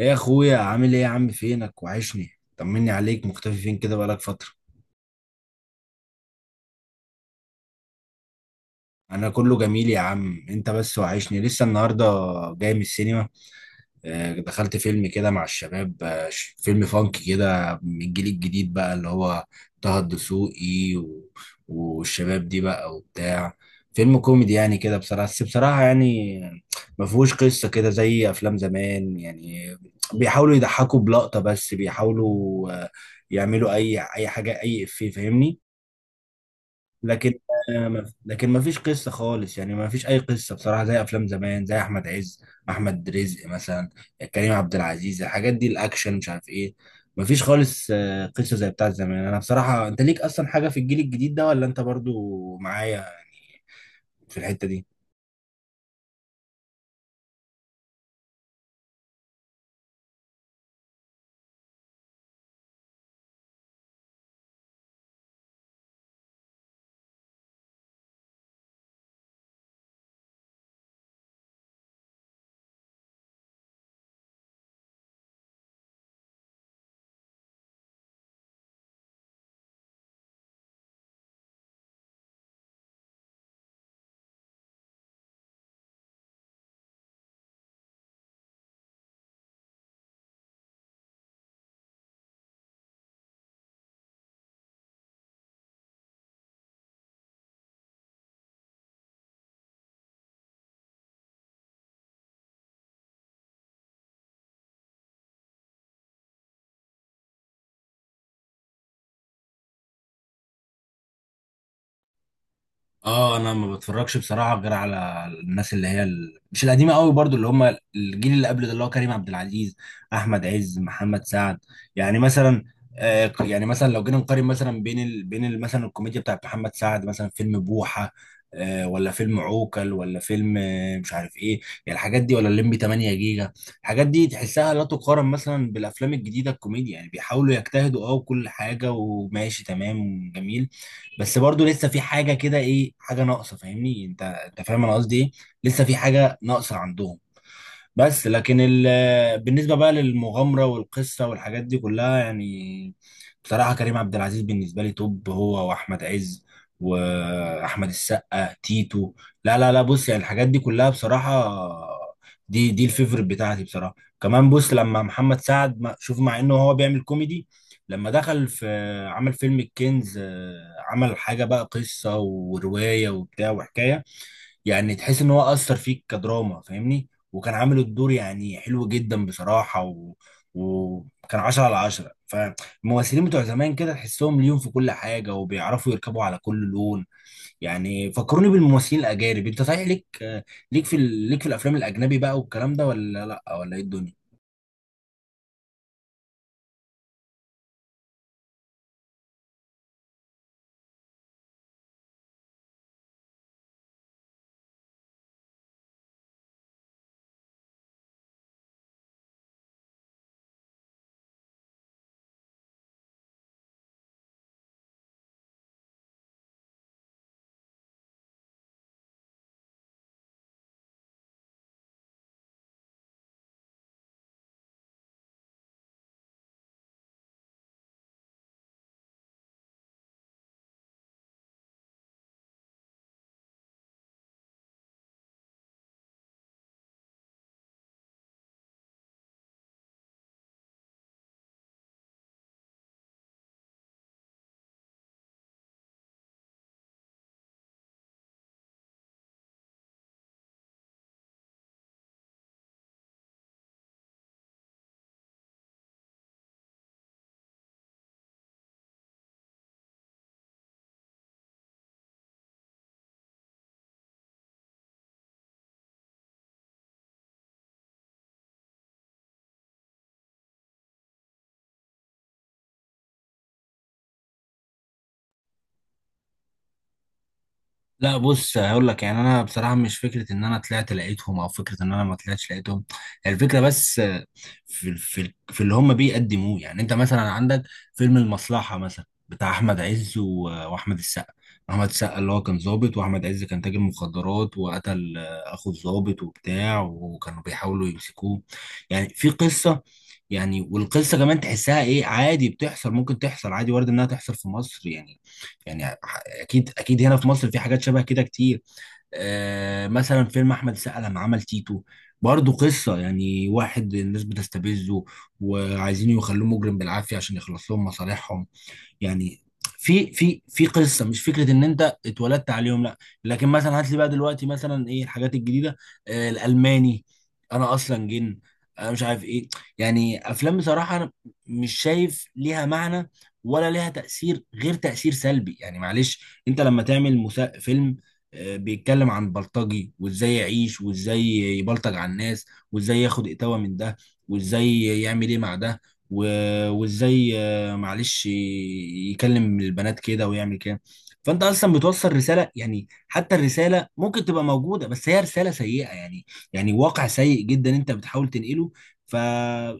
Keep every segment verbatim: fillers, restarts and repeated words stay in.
ايه يا اخويا عامل ايه؟ يا عم فينك؟ وحشني، طمني عليك. مختفي فين كده؟ بقالك فترة. انا كله جميل يا عم، انت بس وحشني. لسه النهاردة جاي من السينما. آه، دخلت فيلم كده مع الشباب، آه، ش- فيلم فانك كده من الجيل الجديد بقى، اللي هو طه الدسوقي و- والشباب دي بقى وبتاع. فيلم كوميدي يعني كده، بصراحة بس بصراحة يعني ما فيهوش قصة كده زي أفلام زمان يعني. بيحاولوا يضحكوا بلقطة، بس بيحاولوا آه، يعملوا أي أي حاجة، أي إفيه، فاهمني؟ لكن آه، ما- لكن ما فيش قصه خالص يعني، ما فيش اي قصه بصراحه زي افلام زمان، زي احمد عز، احمد رزق مثلا، كريم عبد العزيز. الحاجات دي الاكشن مش عارف ايه، ما فيش خالص آه، قصه زي بتاعت زمان. انا بصراحه، انت ليك اصلا حاجه في الجيل الجديد ده، ولا انت برضو معايا يعني في الحته دي؟ اه انا ما بتفرجش بصراحه غير على الناس اللي هي ال... مش القديمه قوي، برضو اللي هم الجيل اللي قبل ده، اللي هو كريم عبد العزيز، احمد عز، محمد سعد. يعني مثلا، آه ك- يعني مثلا لو جينا نقارن مثلا بين ال... بين ال... مثلا الكوميديا بتاعت محمد سعد، مثلا فيلم بوحه، آه، ولا فيلم عوكل، ولا فيلم آه مش عارف ايه، يعني الحاجات دي، ولا الليمبي تمانية جيجا. الحاجات دي تحسها لا تقارن مثلا بالافلام الجديده. الكوميديا يعني بيحاولوا يجتهدوا اه، وكل حاجه وماشي تمام وجميل، بس برضو لسه في حاجه كده، ايه حاجه ناقصه، فاهمني انت؟ انت فاهم انا قصدي ايه، لسه في حاجه ناقصه عندهم. بس لكن ال... بالنسبة بقى للمغامرة والقصة والحاجات دي كلها يعني، بصراحة كريم عبد العزيز بالنسبة لي توب، هو وأحمد عز وأحمد السقا تيتو. لا لا لا، بص، يعني الحاجات دي كلها بصراحة، دي دي الفيفوريت بتاعتي بصراحة. كمان بص، لما محمد سعد ما- شوف، مع إنه هو بيعمل كوميدي، لما دخل في عمل فيلم الكنز، آه، عمل حاجة بقى، قصة ورواية وبتاع وحكاية. يعني تحس ان هو اثر فيك كدراما، فاهمني؟ وكان عامل الدور يعني حلو جدا بصراحه، و... وكان عشرة على عشرة. فالممثلين بتوع زمان كده تحسهم ليهم في كل حاجه، وبيعرفوا يركبوا على كل لون. يعني فكروني بالممثلين الاجانب، انت صحيح ليك ليك في ال... ليك في الافلام الاجنبي بقى والكلام ده، ولا لا، ولا ايه الدنيا؟ لا بص، هقول لك يعني، انا بصراحه مش فكره ان انا طلعت لقيتهم او فكره ان انا ما طلعتش لقيتهم، هي الفكره بس في في في اللي هم بيقدموه. يعني انت مثلا عندك فيلم المصلحه مثلا بتاع احمد عز و- واحمد السقا. احمد السقا اللي هو كان ضابط، واحمد عز كان تاجر مخدرات وقتل اخو الضابط وبتاع، وكانوا بيحاولوا يمسكوه. يعني في قصه، يعني والقصه كمان تحسها ايه، عادي بتحصل، ممكن تحصل عادي، وارد انها تحصل في مصر يعني. يعني اكيد اكيد هنا في مصر في حاجات شبه كده كتير. آه، مثلا فيلم احمد السقا لما عمل تيتو، برضه قصه، يعني واحد الناس بتستفزه وعايزين يخلوه مجرم بالعافيه عشان يخلص لهم مصالحهم. يعني في في في قصه، مش فكره ان انت اتولدت عليهم، لا. لكن مثلا هات لي بقى دلوقتي، مثلا ايه الحاجات الجديده؟ آه الالماني، انا اصلا جن، انا مش عارف ايه، يعني افلام بصراحه انا مش شايف ليها معنى ولا ليها تاثير غير تاثير سلبي. يعني معلش، انت لما تعمل مسا... فيلم آه، بيتكلم عن بلطجي، وازاي يعيش، وازاي يبلطج على الناس، وازاي ياخد اتاوة من ده، وازاي يعمل ايه مع ده، و- وازاي معلش ي- يكلم البنات كده ويعمل كده، فانت اصلا بتوصل رساله يعني. حتى الرساله ممكن تبقى موجوده، بس هي رساله سيئه يعني، يعني واقع سيء جدا انت بتحاول تنقله. ف،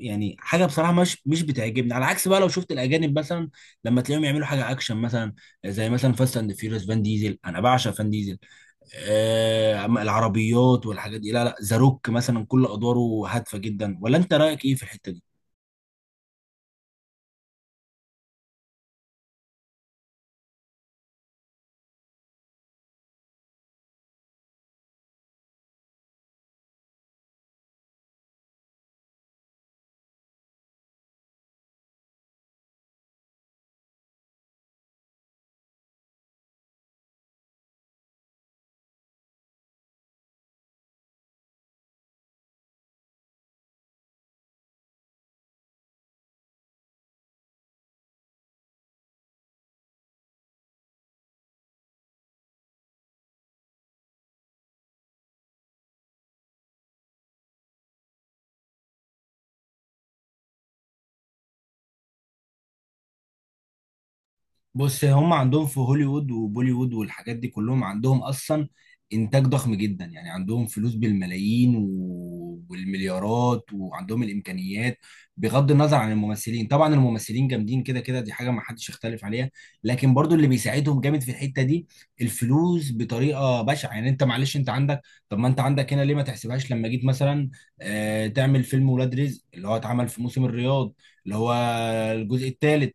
يعني حاجه بصراحه مش مش بتعجبني. على عكس بقى لو شفت الاجانب مثلا، لما تلاقيهم يعملوا حاجه اكشن مثلا، زي مثلا فاست اند فيوريوس، فان ديزل. انا بعشق فان ديزل، آه العربيات والحاجات دي، لا لا، ذا روك مثلا كل ادواره هادفه جدا، ولا انت رايك ايه في الحته دي؟ بص، هم عندهم في هوليوود وبوليوود والحاجات دي كلهم، عندهم اصلا انتاج ضخم جدا، يعني عندهم فلوس بالملايين و- والمليارات، وعندهم الامكانيات، بغض النظر عن الممثلين. طبعا الممثلين جامدين كده كده، دي حاجه ما حدش يختلف عليها، لكن برضو اللي بيساعدهم جامد في الحته دي الفلوس، بطريقه بشعه يعني. انت معلش انت عندك، طب ما انت عندك هنا ليه؟ ما تحسبهاش، لما جيت مثلا آه، تعمل فيلم ولاد رزق اللي هو اتعمل في موسم الرياض، اللي هو الجزء الثالث.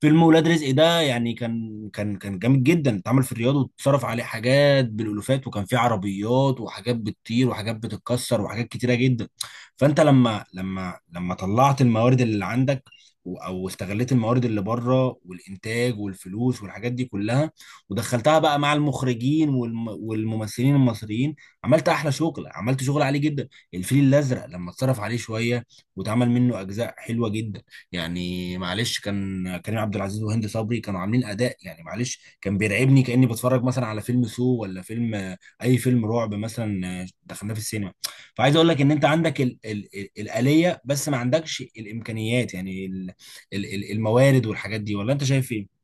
فيلم ولاد رزق ده يعني كان كان كان جامد جدا، اتعمل في الرياض، واتصرف عليه حاجات بالالوفات، وكان فيه عربيات وحاجات بتطير وحاجات بتتكسر وحاجات كتيره جدا. فانت لما لما لما طلعت الموارد اللي عندك، و- او استغليت الموارد اللي بره، والانتاج والفلوس والحاجات دي كلها، ودخلتها بقى مع المخرجين والم والممثلين المصريين، عملت احلى شغل، عملت شغل عالي جدا. الفيل الازرق لما اتصرف عليه شويه، واتعمل منه اجزاء حلوه جدا، يعني معلش كان كريم عبد العزيز وهند صبري كانوا عاملين اداء، يعني معلش كان بيرعبني، كاني بتفرج مثلا على فيلم سو، ولا فيلم آه، اي فيلم رعب مثلا آه، دخلناه في السينما. فعايز اقول لك ان انت عندك ال ال ال الآلية، بس ما عندكش الامكانيات يعني ال ال ال الموارد والحاجات دي، ولا انت شايف ايه؟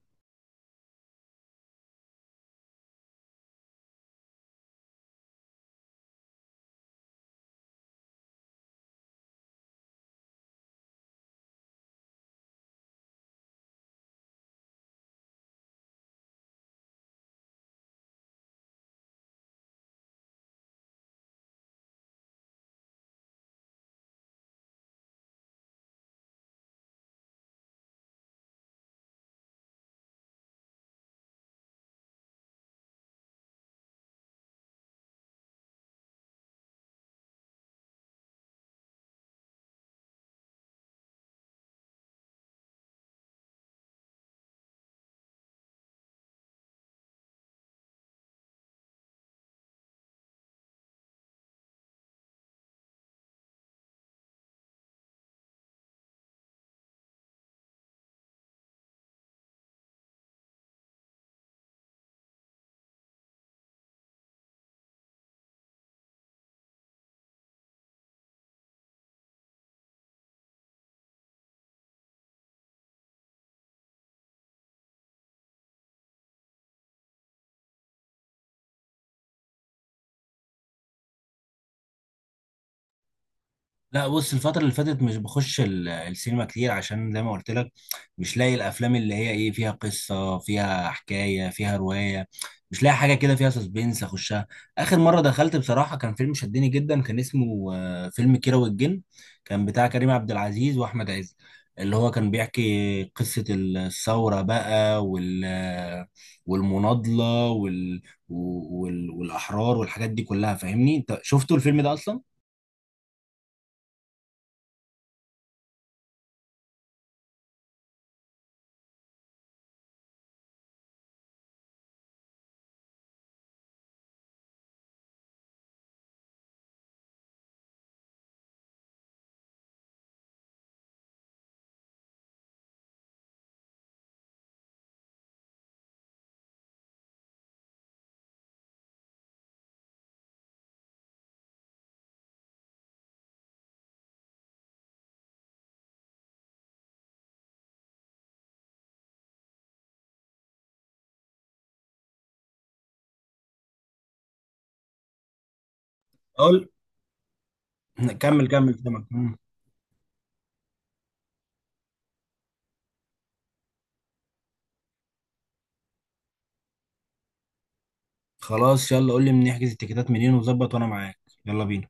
لا بص، الفترة اللي فاتت مش بخش ال- السينما كتير، عشان زي ما قلت لك مش لاقي الأفلام اللي هي إيه، فيها قصة، فيها حكاية، فيها رواية. مش لاقي حاجة كده فيها سسبنس أخشها. آخر مرة دخلت بصراحة كان فيلم شدني جدا، كان اسمه آه، فيلم كيرة والجن، كان بتاع كريم عبد العزيز وأحمد عز، اللي هو كان بيحكي قصة الثورة بقى، وال آه، والمناضلة وال... وال... والأحرار والحاجات دي كلها. فاهمني؟ أنت شفتوا الفيلم ده أصلا؟ كمل كمل كمل. مم. خلاص، يلا قول لي نحجز التيكيتات منين وظبط، وانا معاك. يلا بينا.